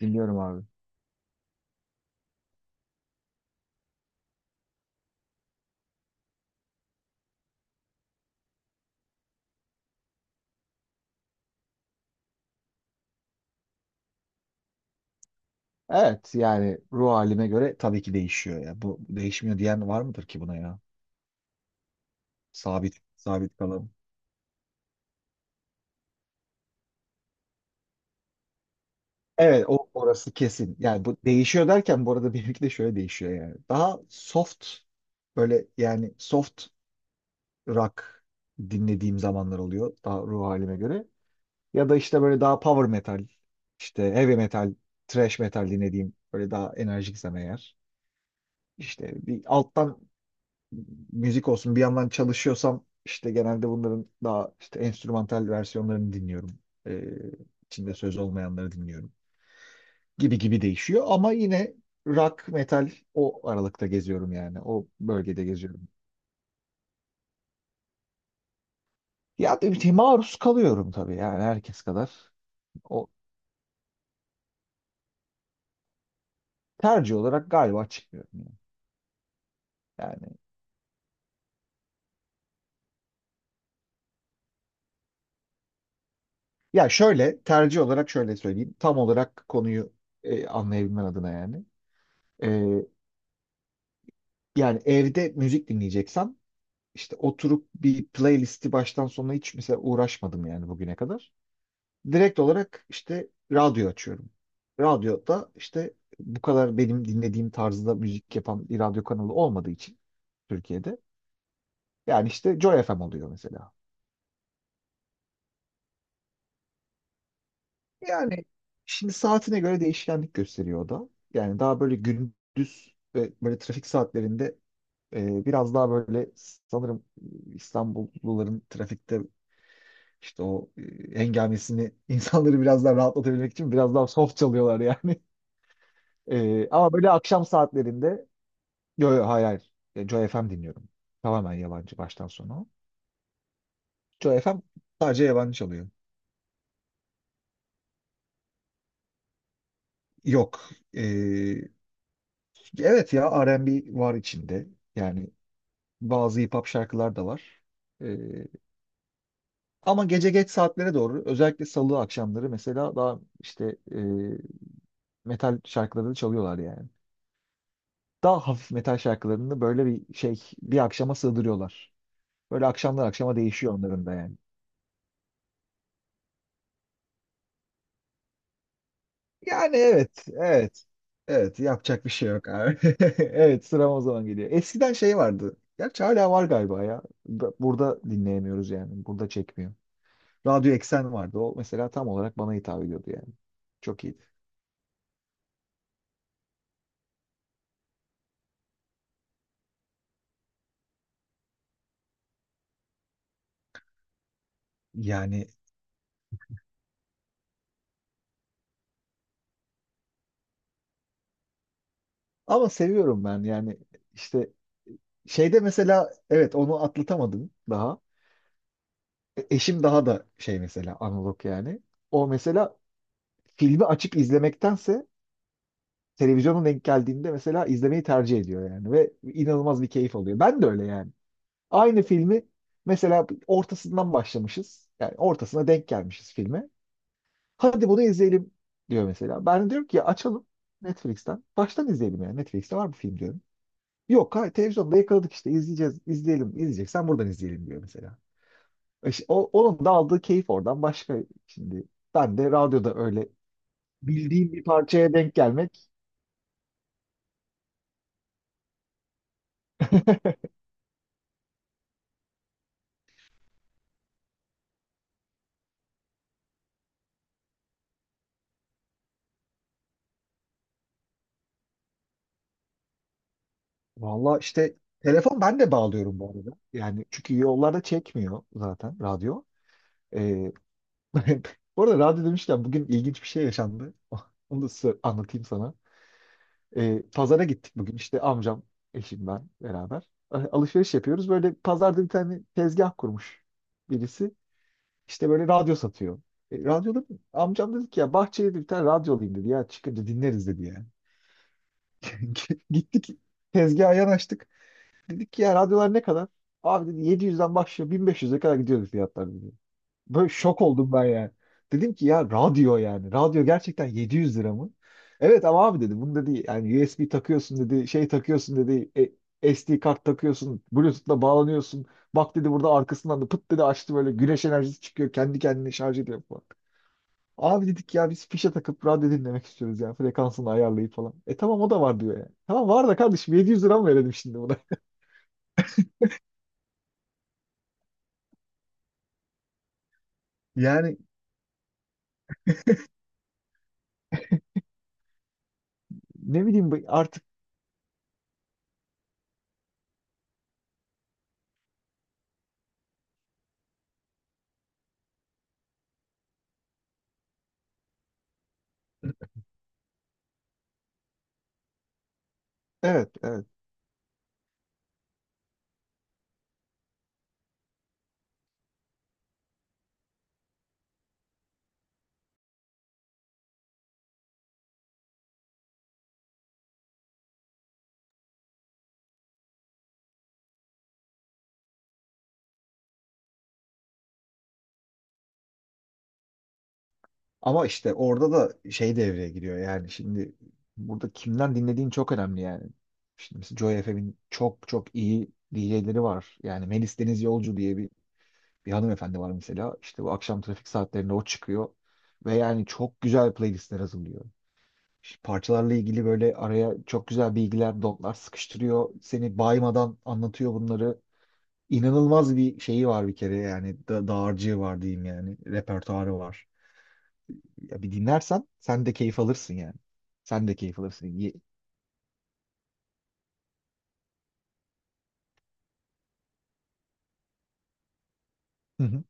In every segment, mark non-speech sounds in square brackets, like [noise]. Dinliyorum abi. Evet yani ruh halime göre tabii ki değişiyor ya. Bu değişmiyor diyen var mıdır ki buna ya? Sabit, sabit kalalım. Evet, o orası kesin. Yani bu değişiyor derken bu arada [laughs] benimki de şöyle değişiyor yani. Daha soft böyle yani soft rock dinlediğim zamanlar oluyor daha ruh halime göre. Ya da işte böyle daha power metal, işte heavy metal, thrash metal dinlediğim böyle daha enerjiksem eğer. İşte bir alttan müzik olsun bir yandan çalışıyorsam işte genelde bunların daha işte enstrümantal versiyonlarını dinliyorum. Ee, içinde söz olmayanları dinliyorum. Gibi gibi değişiyor ama yine rock, metal o aralıkta geziyorum yani. O bölgede geziyorum. Ya tabii ki maruz kalıyorum tabii yani herkes kadar. O tercih olarak galiba çıkmıyorum yani. Yani ya şöyle tercih olarak şöyle söyleyeyim. Tam olarak konuyu anlayabilmen adına yani. Ee, yani evde müzik dinleyeceksem İşte oturup bir playlisti baştan sona hiç mesela uğraşmadım yani bugüne kadar. Direkt olarak işte radyo açıyorum. Radyoda işte bu kadar benim dinlediğim tarzda müzik yapan bir radyo kanalı olmadığı için Türkiye'de. Yani işte Joy FM oluyor mesela. Yani şimdi saatine göre değişkenlik gösteriyor o da. Yani daha böyle gündüz ve böyle trafik saatlerinde biraz daha böyle sanırım İstanbulluların trafikte İşte o hengamesini [laughs] insanları biraz daha rahatlatabilmek için biraz daha soft çalıyorlar yani. [laughs] Ama böyle akşam saatlerinde yo yo, hayır hayır. Joy FM dinliyorum. Tamamen yabancı baştan sona. Joy FM sadece yabancı çalıyor. Yok. E, evet ya, R&B var içinde. Yani bazı hip hop şarkılar da var. E, ama gece geç saatlere doğru özellikle salı akşamları mesela daha işte metal şarkıları da çalıyorlar yani. Daha hafif metal şarkılarını böyle bir şey bir akşama sığdırıyorlar. Böyle akşamdan akşama değişiyor onların da yani. Yani evet, evet. Evet, yapacak bir şey yok abi. [laughs] Evet, sıram o zaman geliyor. Eskiden şey vardı. Gerçi hala var galiba ya. Burada dinleyemiyoruz yani. Burada çekmiyor. Radyo Eksen vardı. O mesela tam olarak bana hitap ediyordu yani. Çok iyiydi. Yani ama seviyorum ben yani işte şeyde mesela evet onu atlatamadım daha. Eşim daha da şey mesela analog yani. O mesela filmi açıp izlemektense televizyonun denk geldiğinde mesela izlemeyi tercih ediyor yani ve inanılmaz bir keyif alıyor. Ben de öyle yani. Aynı filmi mesela ortasından başlamışız. Yani ortasına denk gelmişiz filme. Hadi bunu izleyelim diyor mesela. Ben diyorum ki açalım Netflix'ten. Baştan izleyelim yani. Netflix'te var bu film diyorum. Yok hayır, televizyonda yakaladık işte izleyeceğiz, izleyelim, izleyeceksen buradan izleyelim diyor mesela. İşte onun da aldığı keyif oradan başka şimdi. Ben de radyoda öyle bildiğim bir parçaya denk gelmek. Valla işte telefon ben de bağlıyorum bu arada. Yani çünkü yollarda çekmiyor zaten radyo. Ee, [laughs] Bu arada radyo demişken bugün ilginç bir şey yaşandı. [laughs] Onu da size anlatayım sana. Pazara gittik bugün işte amcam, eşim ben beraber. Alışveriş yapıyoruz. Böyle pazarda bir tane tezgah kurmuş birisi. İşte böyle radyo satıyor. Radyoda amcam dedi ki ya bahçeye dedi bir tane radyo alayım dedi ya çıkınca dinleriz dedi yani. [laughs] Gittik tezgaha yanaştık. Dedik ki ya radyolar ne kadar? Abi dedi 700'den başlıyor 1500'e kadar gidiyordu fiyatlar dedi. Böyle şok oldum ben yani. Dedim ki ya radyo yani. Radyo gerçekten 700 lira mı? Evet ama abi dedi bunu dedi yani USB takıyorsun dedi şey takıyorsun dedi SD kart takıyorsun, Bluetooth'la bağlanıyorsun. Bak dedi burada arkasından da pıt dedi açtı böyle güneş enerjisi çıkıyor kendi kendine şarj ediyor falan. Abi dedik ya biz fişe takıp radyo dinlemek istiyoruz yani frekansını ayarlayıp falan. E tamam o da var diyor yani. Tamam var da kardeşim, 700 lira mı verelim şimdi buna? [laughs] Yani ne bileyim artık evet, evet. Ama işte orada da şey devreye giriyor yani şimdi burada kimden dinlediğin çok önemli yani. Şimdi mesela Joy FM'in çok çok iyi DJ'leri var. Yani Melis Deniz Yolcu diye bir hanımefendi var mesela. İşte bu akşam trafik saatlerinde o çıkıyor. Ve yani çok güzel playlistler hazırlıyor. Şu parçalarla ilgili böyle araya çok güzel bilgiler, dotlar sıkıştırıyor. Seni baymadan anlatıyor bunları. İnanılmaz bir şeyi var bir kere yani da dağarcığı var diyeyim yani. Repertuarı var. Ya bir dinlersen sen de keyif alırsın yani. Sen de keyif alırsın. Hı hı.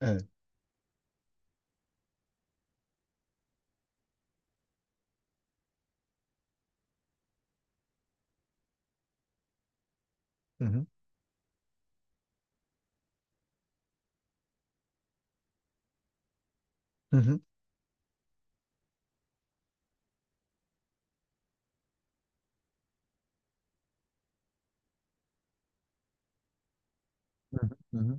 Evet. Hı hı. Hı hı. Hı hı. Hı hı.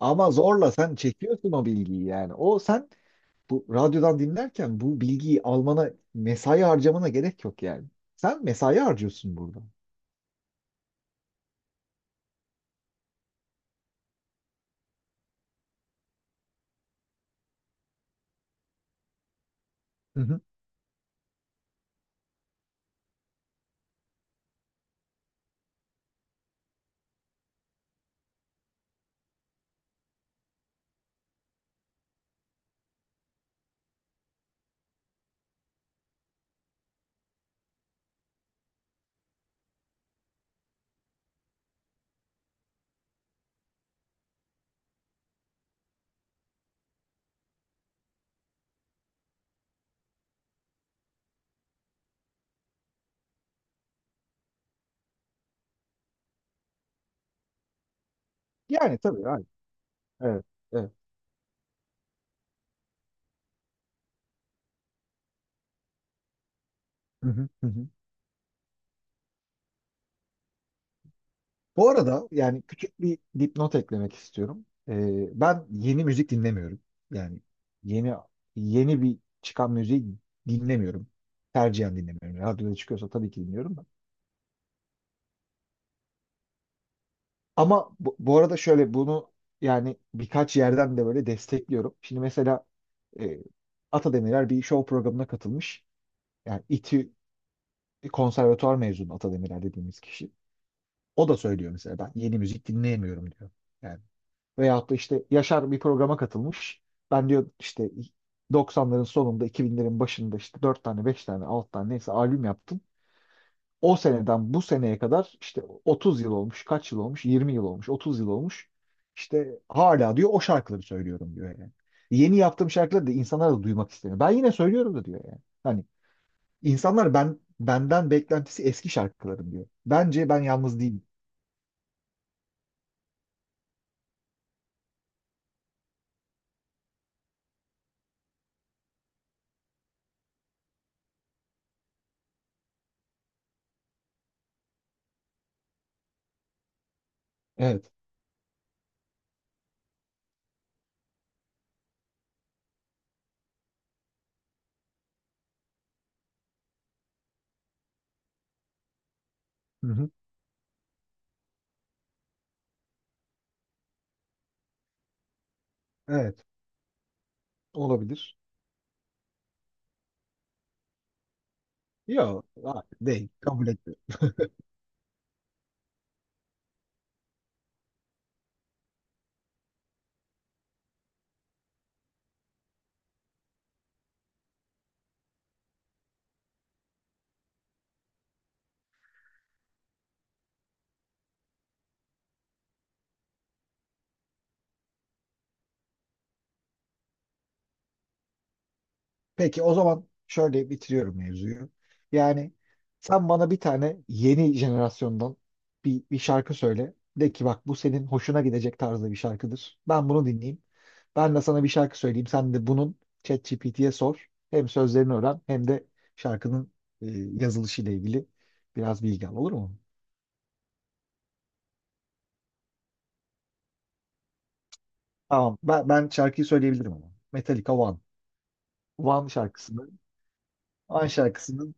Ama zorla sen çekiyorsun o bilgiyi yani. O sen bu radyodan dinlerken bu bilgiyi almana, mesai harcamana gerek yok yani. Sen mesai harcıyorsun burada. Hı hı. Yani tabii. Hayır. Evet. Evet. Hı hı, hı hı. Bu arada yani küçük bir dipnot eklemek istiyorum. Ben yeni müzik dinlemiyorum. Yani yeni yeni bir çıkan müziği dinlemiyorum. Tercihen dinlemiyorum. Radyoda çıkıyorsa tabii ki dinliyorum da. Ama bu arada şöyle bunu yani birkaç yerden de böyle destekliyorum. Şimdi mesela e, Atademirer bir show programına katılmış. Yani İTÜ konservatuvar mezunu Atademirer dediğimiz kişi. O da söylüyor mesela ben yeni müzik dinleyemiyorum diyor. Yani, veyahut da işte Yaşar bir programa katılmış. Ben diyor işte 90'ların sonunda 2000'lerin başında işte 4 tane 5 tane 6 tane neyse albüm yaptım. O seneden bu seneye kadar işte 30 yıl olmuş, kaç yıl olmuş, 20 yıl olmuş, 30 yıl olmuş. İşte hala diyor o şarkıları söylüyorum diyor yani. Yeni yaptığım şarkıları da insanlar da duymak istemiyor. Ben yine söylüyorum da diyor yani. Hani insanlar ben benden beklentisi eski şarkılarım diyor. Bence ben yalnız değilim. Evet. Hı hı. Evet. Olabilir. Yok, hayır, değil. Kabul et. Peki o zaman şöyle bitiriyorum mevzuyu. Yani sen bana bir tane yeni jenerasyondan bir şarkı söyle. De ki bak, bu senin hoşuna gidecek tarzda bir şarkıdır. Ben bunu dinleyeyim. Ben de sana bir şarkı söyleyeyim. Sen de bunun ChatGPT'ye sor. Hem sözlerini öğren hem de şarkının e, yazılışıyla ilgili biraz bilgi al. Olur mu? Tamam. Ben şarkıyı söyleyebilirim ama. Metallica One. One şarkısını. One şarkısının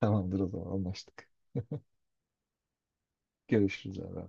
tamamdır o zaman anlaştık. Görüşürüz abi.